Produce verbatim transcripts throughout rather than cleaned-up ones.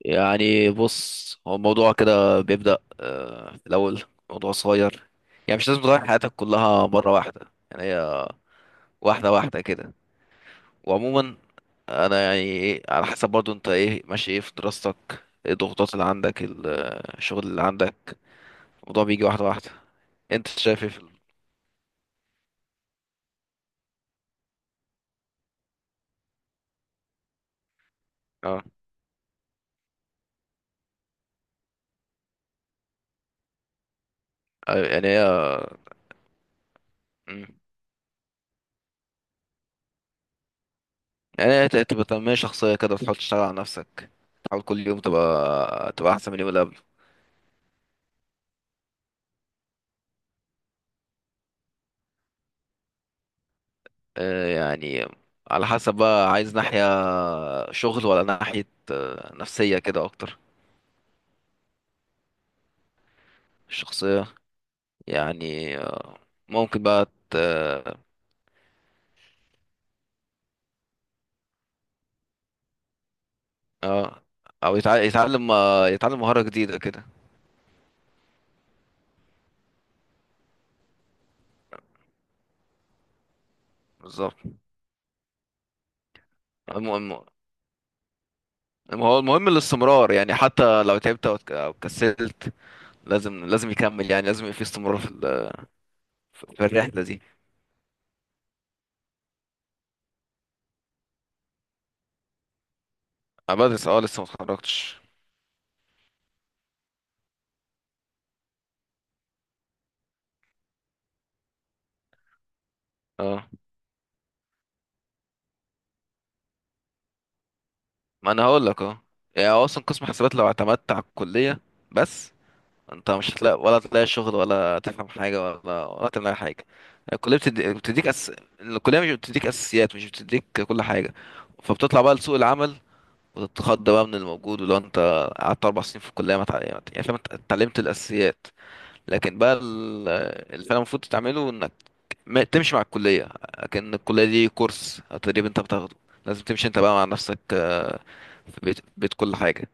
يعني بص، هو الموضوع كده بيبدأ آه، في الأول موضوع صغير. يعني مش لازم تغير حياتك كلها مرة واحدة. يعني هي واحدة واحدة كده. وعموما، أنا يعني إيه، على حسب برضو، أنت إيه ماشي، إيه في دراستك، إيه الضغوطات اللي عندك، ال- آه، الشغل اللي عندك. الموضوع بيجي واحدة واحدة. أنت شايف إيه في ال- آه آه، يعني هي. مم. يعني هي تبقى تنمية شخصية كده، تحاول تشتغل على نفسك. تحاول كل يوم تبقى تبقى أحسن من اليوم اللي قبله. آه، يعني على حسب، بقى عايز ناحية شغل ولا ناحية آه، نفسية كده أكتر. الشخصية، يعني آه، ممكن بقى ت- اه آه، أو يتع- يتعلم آه، يتعلم مهارة جديدة كده. بالظبط. المهم هو المهم الاستمرار. يعني حتى لو تعبت أو اتك- أو كسلت، لازم لازم يكمل. يعني لازم يبقى في استمرار في ال- في الرحلة دي. أنا بدرس، اه لسه متخرجتش. اه، ما أنا هقولك اه. يعني هو أصلا قسم حسابات لو اعتمدت على الكلية بس. انت مش هتلاقي، ولا تلاقي شغل، ولا تفهم حاجه، ولا ولا تلاقي حاجه. الكليه بتدي... بتديك أس... الكليه مش بتديك اساسيات، مش بتديك كل حاجه. فبتطلع بقى لسوق العمل، وتتخض بقى من الموجود. ولو انت قعدت اربع سنين في الكليه، ما تع... يعني فاهم، انت اتعلمت الاساسيات. لكن بقى ال- اللي فعلا المفروض تعمله، انك ما... تمشي مع الكليه، لكن الكليه دي كورس تدريب انت بتاخده. لازم تمشي انت بقى مع نفسك آه، في بيت، بيت كل حاجه.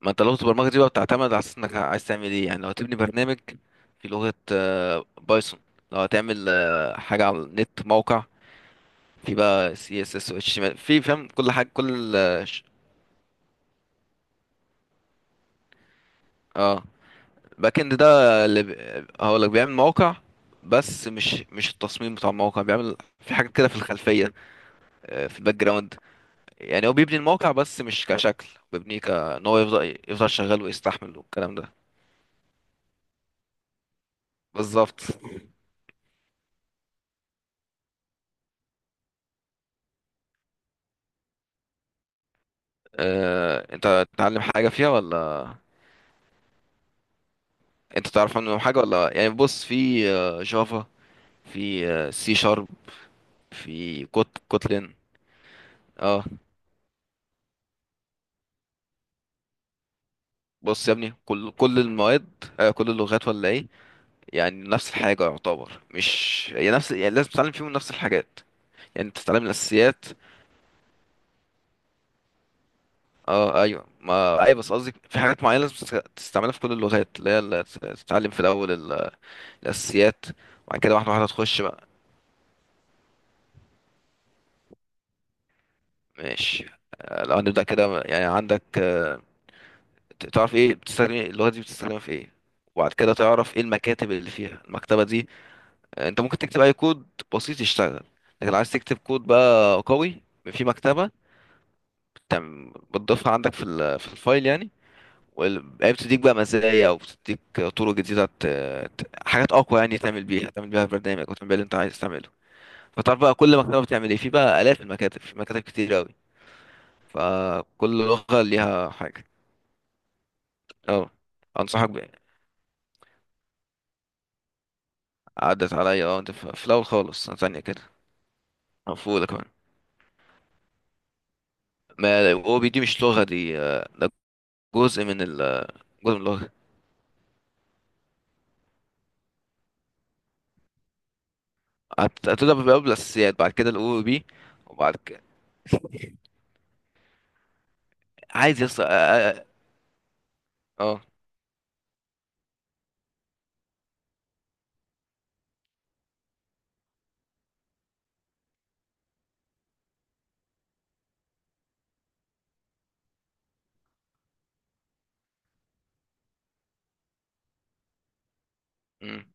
ما انت لغة البرمجة دي بقى بتعتمد على اساس انك عايز تعمل ايه. يعني لو هتبني برنامج في لغة آه، بايثون. لو هتعمل آه، حاجة على النت، موقع، في بقى سي اس اس و إتش تي إم إل. في فاهم كل حاجة، كل اه ش- اه. الباك اند ده اللي بي- هقولك بيعمل موقع، بس مش مش التصميم بتاع الموقع، بيعمل في حاجات كده في الخلفية. آه، في الباك جراوند. يعني هو بيبني الموقع بس مش كشكل، بيبنيه كان هو يفضل يفضل شغال، ويستحمل والكلام ده. بالظبط. آه، انت تتعلم حاجة فيها ولا انت تعرف عنهم حاجه ولا؟ يعني بص، في آه، جافا، في آه، سي شارب، في كوت كوتلين. اه. بص يا ابني، كل كل المواد، آه كل اللغات ولا ايه، يعني نفس الحاجه يعتبر. مش يعني نفس، يعني لازم تتعلم فيهم نفس الحاجات. يعني انت تتعلم الاساسيات. اه ايوه، ما ايوه، بس قصدي في حاجات معينه لازم تست- تستعملها في كل اللغات، اللي هي اللي تت- تتعلم في الاول ال- الاساسيات، وبعد كده واحده واحده تخش بقى. ماشي. آه، لو هنبدا كده، يعني عندك آه، ت- تعرف ايه بتستخدم، ايه اللغه دي بتستخدمها في ايه. وبعد كده تعرف ايه المكاتب اللي فيها، المكتبه دي. آه، انت ممكن تكتب اي كود بسيط يشتغل. لكن لو عايز تكتب كود بقى قوي، في مكتبه بتعم- بتضيفها عندك في ال- في الفايل يعني. وال- هي بتديك بقى مزايا، او بتديك طرق جديده، ت- ت- حاجات اقوى يعني، تعمل بيها تعمل بيها برنامج، او تعمل بيها اللي انت عايز تعمله. فتعرف بقى كل مكتبه بتعمل ايه، في بقى الاف المكاتب، في مكاتب كتير قوي، فكل لغه ليها حاجه. اه، انصحك. عدت عليا، اه انت في في الاول خالص، سنة تانية كده، او في اولى كمان. ما هو دي مش لغة، دي آه، ده جزء من ال جزء من اللغة. هت- هتبدأ بقى بالأساسيات، بعد كده الأو بي، وبعد كده عايز يص اه اه آه. مم.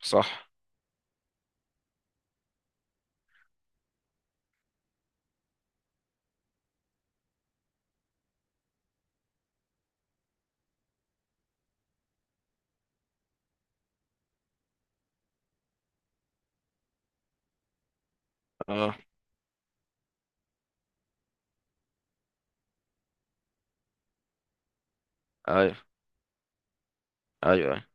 صح. اه، ايوه، ايوه، ايوه.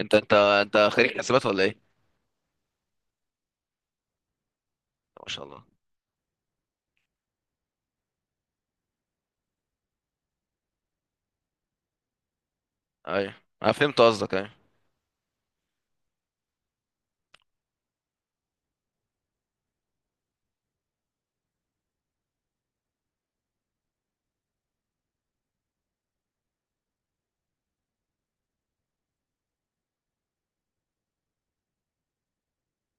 انت انت انت خريج حسابات ولا ايه؟ ما شاء الله. ايوه، انا فهمت قصدك، ايوه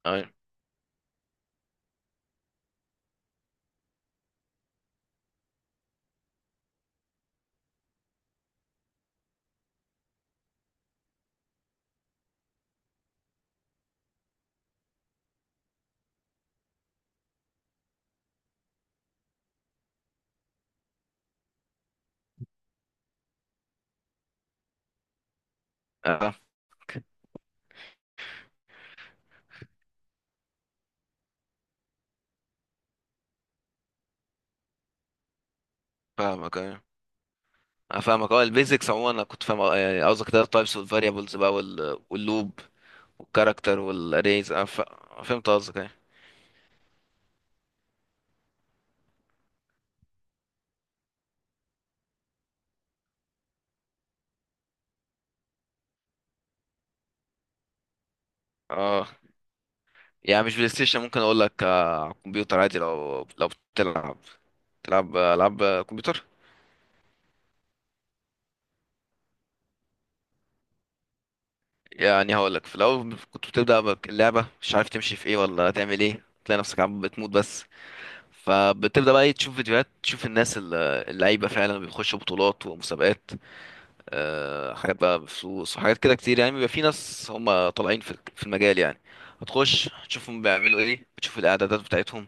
ايوه، اه فاهمك، ايوه انا فاهمك. اه البيزكس عموما انا كنت فاهم. آه، يعني قصدك كده التايبس والفاريبلز بقى، وال- واللوب والكاركتر والاريز، اه ف... فهمت قصدك ايه. اه. يعني مش بلاي ستيشن، ممكن اقول لك آه، على الكمبيوتر عادي، لو لو بتلعب، تلعب العاب كمبيوتر. يعني هقول لك، في الاول كنت بتبدا بك- اللعبه، مش عارف تمشي في ايه ولا تعمل ايه، تلاقي نفسك عم بتموت بس. فبتبدا بقى إيه، تشوف فيديوهات، تشوف الناس ال- اللعيبه فعلا بيخشوا بطولات ومسابقات. آه، حاجات بقى بفلوس وحاجات كده كتير، يعني بيبقى في ناس هم طالعين في في المجال يعني. هتخش تشوفهم بيعملوا ايه، بتشوف الاعدادات بتاعتهم،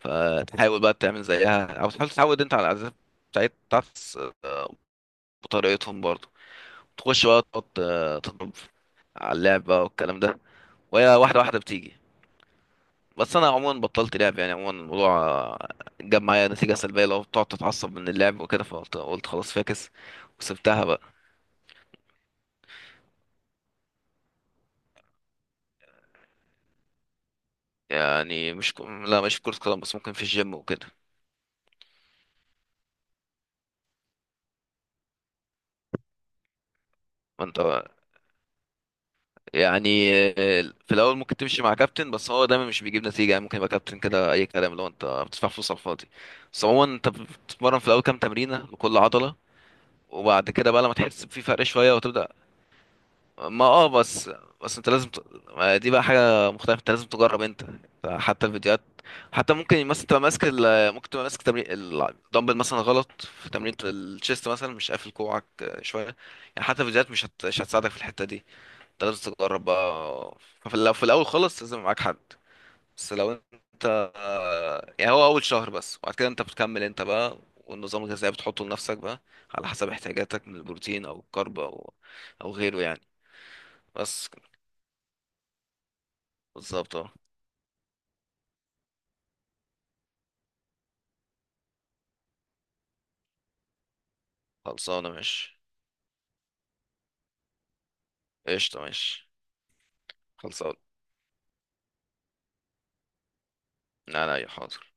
فتحاول بقى تعمل زيها، او تحاول تتعود انت على العادات بتاعت- بتاعت بطريقتهم برضه. تخش بقى تقعد آه، تضرب على اللعب بقى والكلام ده، وهي واحدة واحدة بتيجي. بس انا عموما بطلت لعب، يعني عموما الموضوع آه، جاب معايا نتيجة سلبية. لو بتقعد تتعصب من اللعب وكده، فقلت قلت خلاص فاكس، وسبتها بقى. يعني مش ك... لا، مش في كرة قدم، بس ممكن في الجيم وكده. ما انت يعني، آه، في الاول ممكن تمشي مع كابتن، بس هو دايما مش بيجيب نتيجه، يعني ممكن يبقى كابتن كده اي كلام، اللي هو انت بتدفع فلوس على الفاضي. بس عموما، انت بتتمرن في الاول كام تمرينه لكل عضله، وبعد كده بقى لما تحس في فرق شويه وتبدا. ما اه بس بس انت لازم ت... ما دي بقى حاجه مختلفه، انت لازم تجرب انت، حتى الفيديوهات. حتى ممكن مثلا تبقى ماسك ال... ممكن تبقى ماسك تمرين الدمبل مثلا غلط، في تمرين الشيست مثلا مش قافل كوعك آه، شويه يعني. حتى الفيديوهات مش هت... مش هتساعدك في الحته دي. انت لازم تجرب بقى. ففي- لو في الاول خالص لازم معاك حد. بس لو انت، يعني هو اول شهر بس، وبعد كده انت بتكمل انت بقى، والنظام الغذائي بتحطه لنفسك بقى، على حسب احتياجاتك من البروتين او الكرب او او غيره يعني. بس كده. بالظبط اه. خلصانه ماشي. قشطه ماشي، خلصانه. لا لا يا حاضر.